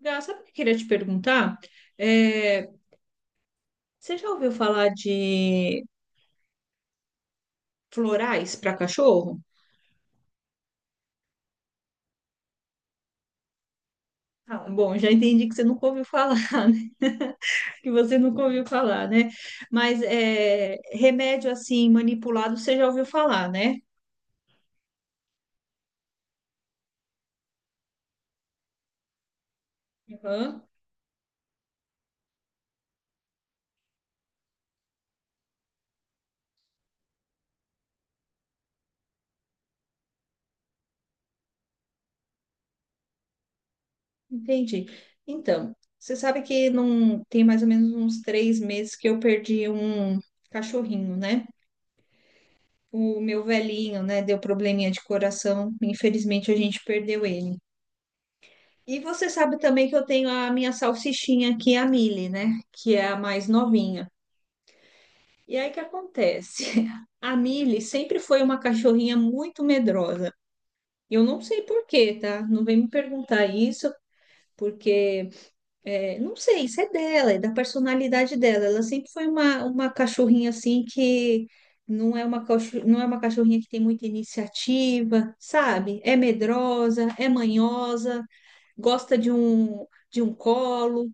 Gá, sabe o que eu queria te perguntar? É, Você já ouviu falar de florais para cachorro? Ah, bom, já entendi que você nunca ouviu falar, né? Que você nunca ouviu falar, né? Mas é, remédio assim manipulado você já ouviu falar, né? Aham, entendi. Então, você sabe que não tem mais ou menos uns 3 meses que eu perdi um cachorrinho, né? O meu velhinho, né? Deu probleminha de coração. Infelizmente, a gente perdeu ele. E você sabe também que eu tenho a minha salsichinha aqui, a Mili, né? Que é a mais novinha. E aí o que acontece? A Mili sempre foi uma cachorrinha muito medrosa. Eu não sei por quê, tá? Não vem me perguntar isso, porque não sei, isso é dela, é da personalidade dela. Ela sempre foi uma cachorrinha assim que não é uma, não é uma cachorrinha que tem muita iniciativa, sabe? É medrosa, é manhosa, gosta de um colo.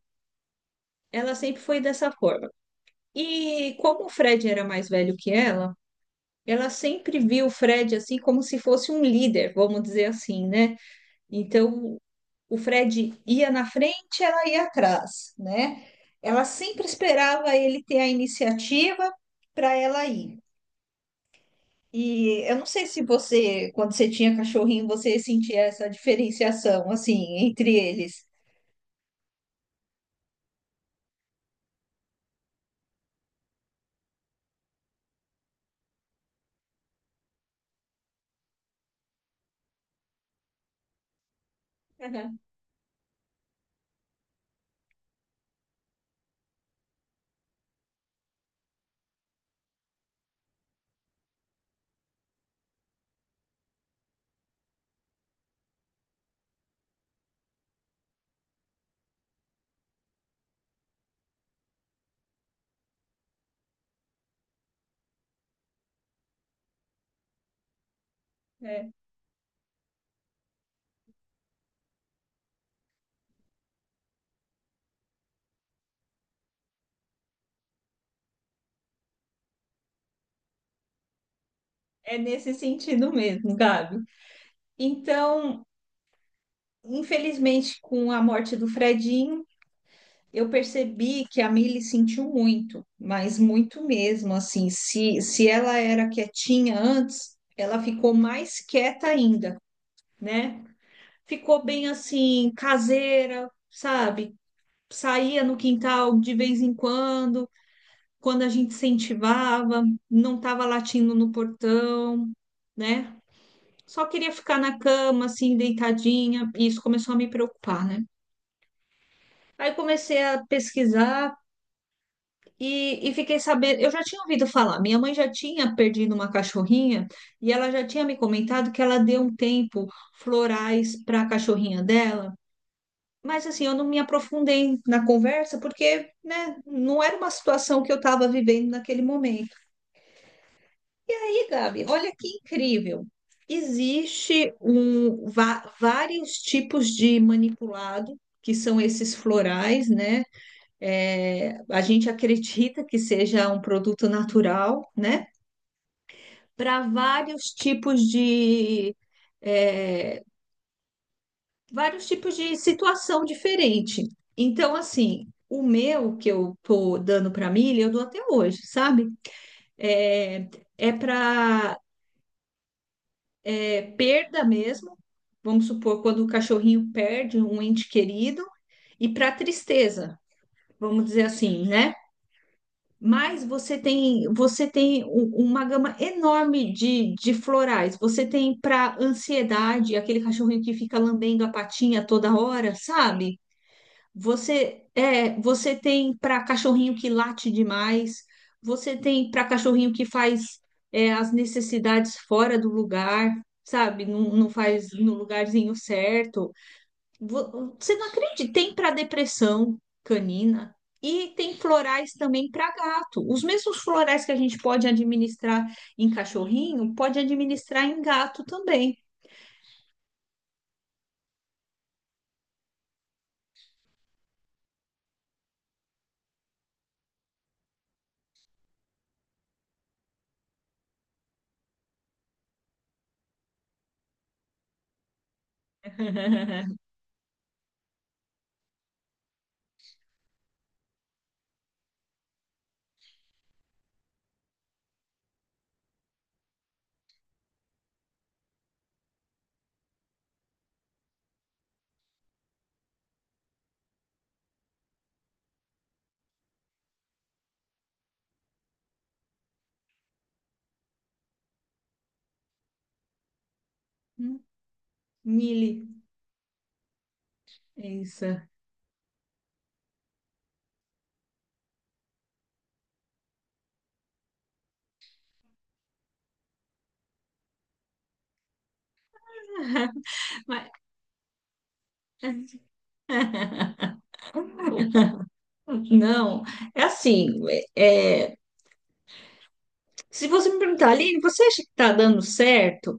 Ela sempre foi dessa forma. E como o Fred era mais velho que ela sempre viu o Fred assim como se fosse um líder, vamos dizer assim, né? Então, o Fred ia na frente, ela ia atrás, né? Ela sempre esperava ele ter a iniciativa para ela ir. E eu não sei se você, quando você tinha cachorrinho, você sentia essa diferenciação assim entre eles. É, é nesse sentido mesmo, Gabi. Então, infelizmente, com a morte do Fredinho, eu percebi que a Milly sentiu muito, mas muito mesmo, assim, se ela era quietinha antes, ela ficou mais quieta ainda, né? Ficou bem assim, caseira, sabe? Saía no quintal de vez em quando, quando a gente incentivava, não estava latindo no portão, né? Só queria ficar na cama, assim, deitadinha, e isso começou a me preocupar, né? Aí comecei a pesquisar e fiquei sabendo. Eu já tinha ouvido falar, minha mãe já tinha perdido uma cachorrinha e ela já tinha me comentado que ela deu um tempo florais para a cachorrinha dela. Mas assim, eu não me aprofundei na conversa porque, né, não era uma situação que eu estava vivendo naquele momento. E, Gabi, olha que incrível. Existe um, vários tipos de manipulado, que são esses florais, né? É, a gente acredita que seja um produto natural, né? Para vários tipos de é, vários tipos de situação diferente. Então, assim, o meu que eu tô dando para milho, eu dou até hoje, sabe? É, é para perda mesmo. Vamos supor quando o cachorrinho perde um ente querido e para tristeza, vamos dizer assim, né? Mas você tem uma gama enorme de florais. Você tem para ansiedade, aquele cachorrinho que fica lambendo a patinha toda hora, sabe? Você tem para cachorrinho que late demais. Você tem para cachorrinho que faz as necessidades fora do lugar, sabe? Não faz no lugarzinho certo. Você não acredita, tem para depressão canina e tem florais também para gato. Os mesmos florais que a gente pode administrar em cachorrinho, pode administrar em gato também. Hum, Mili, é isso. Mas... Não, é assim, é, se você me perguntar, Aline, você acha que está dando certo?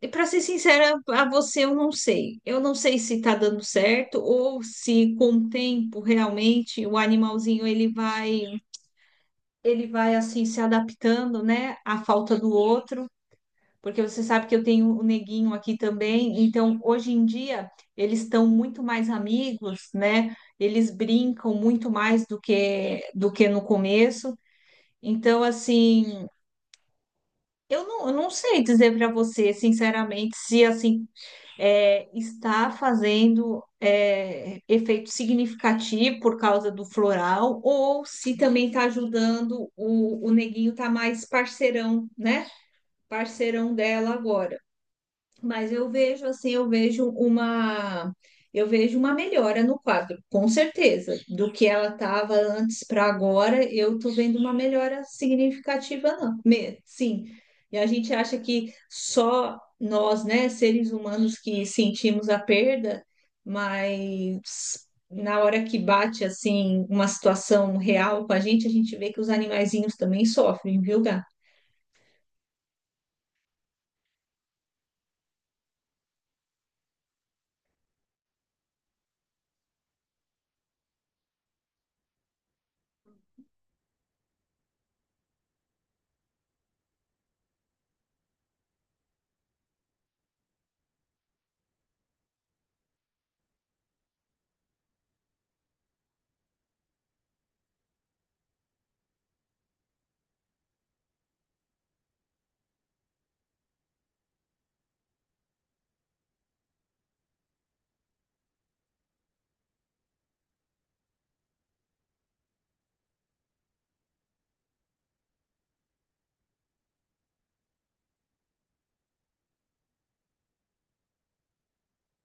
E para ser sincera a você, eu não sei. Eu não sei se está dando certo ou se com o tempo realmente o animalzinho ele vai assim se adaptando, né, à falta do outro, porque você sabe que eu tenho o neguinho aqui também. Então, hoje em dia eles estão muito mais amigos, né? Eles brincam muito mais do que no começo. Então, assim, eu não sei dizer para você, sinceramente, se assim está fazendo efeito significativo por causa do floral, ou se também está ajudando o neguinho tá mais parceirão, né? Parceirão dela agora. Mas eu vejo assim, eu vejo uma melhora no quadro, com certeza. Do que ela estava antes para agora, eu tô vendo uma melhora significativa, não. Sim. E a gente acha que só nós, né, seres humanos que sentimos a perda, mas na hora que bate assim uma situação real com a gente vê que os animaizinhos também sofrem, viu, Gá?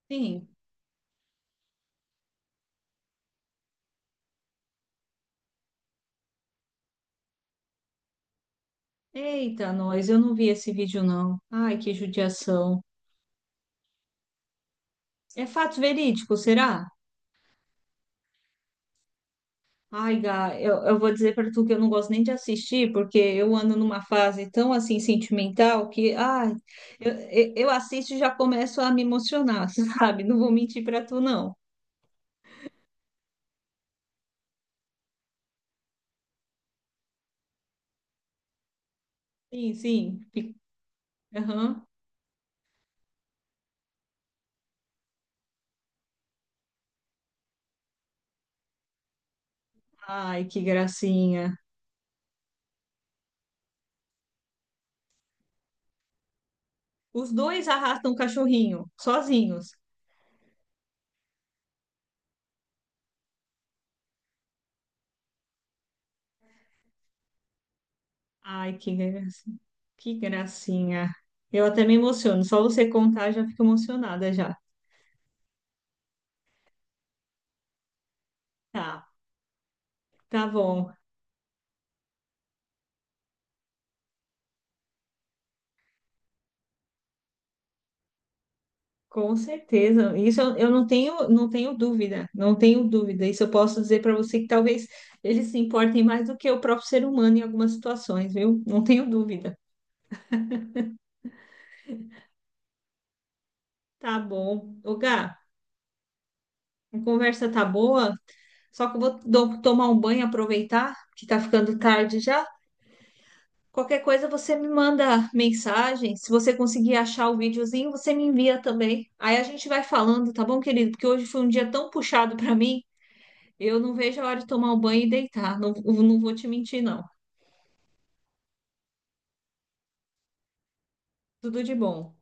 Sim. Eita, nós, eu não vi esse vídeo, não. Ai, que judiação. É fato verídico, será? Ai, Gá, eu vou dizer pra tu que eu não gosto nem de assistir, porque eu ando numa fase tão, assim, sentimental que, ai, eu eu assisto e já começo a me emocionar, sabe? Não vou mentir pra tu, não. Sim, sim. Fico... Aham. Ai, que gracinha. Os dois arrastam o cachorrinho, sozinhos. Ai, que gracinha. Que gracinha. Eu até me emociono. Só você contar, já fico emocionada já. Tá, tá bom. Com certeza. Isso eu não tenho, não tenho dúvida. Não tenho dúvida. Isso eu posso dizer para você que talvez eles se importem mais do que o próprio ser humano em algumas situações, viu? Não tenho dúvida. Tá bom. Ô, Gá, a conversa tá boa, só que eu vou tomar um banho, aproveitar que tá ficando tarde já. Qualquer coisa você me manda mensagem. Se você conseguir achar o videozinho, você me envia também. Aí a gente vai falando, tá bom, querido? Porque hoje foi um dia tão puxado pra mim. Eu não vejo a hora de tomar um banho e deitar. Não, não vou te mentir, não. Tudo de bom.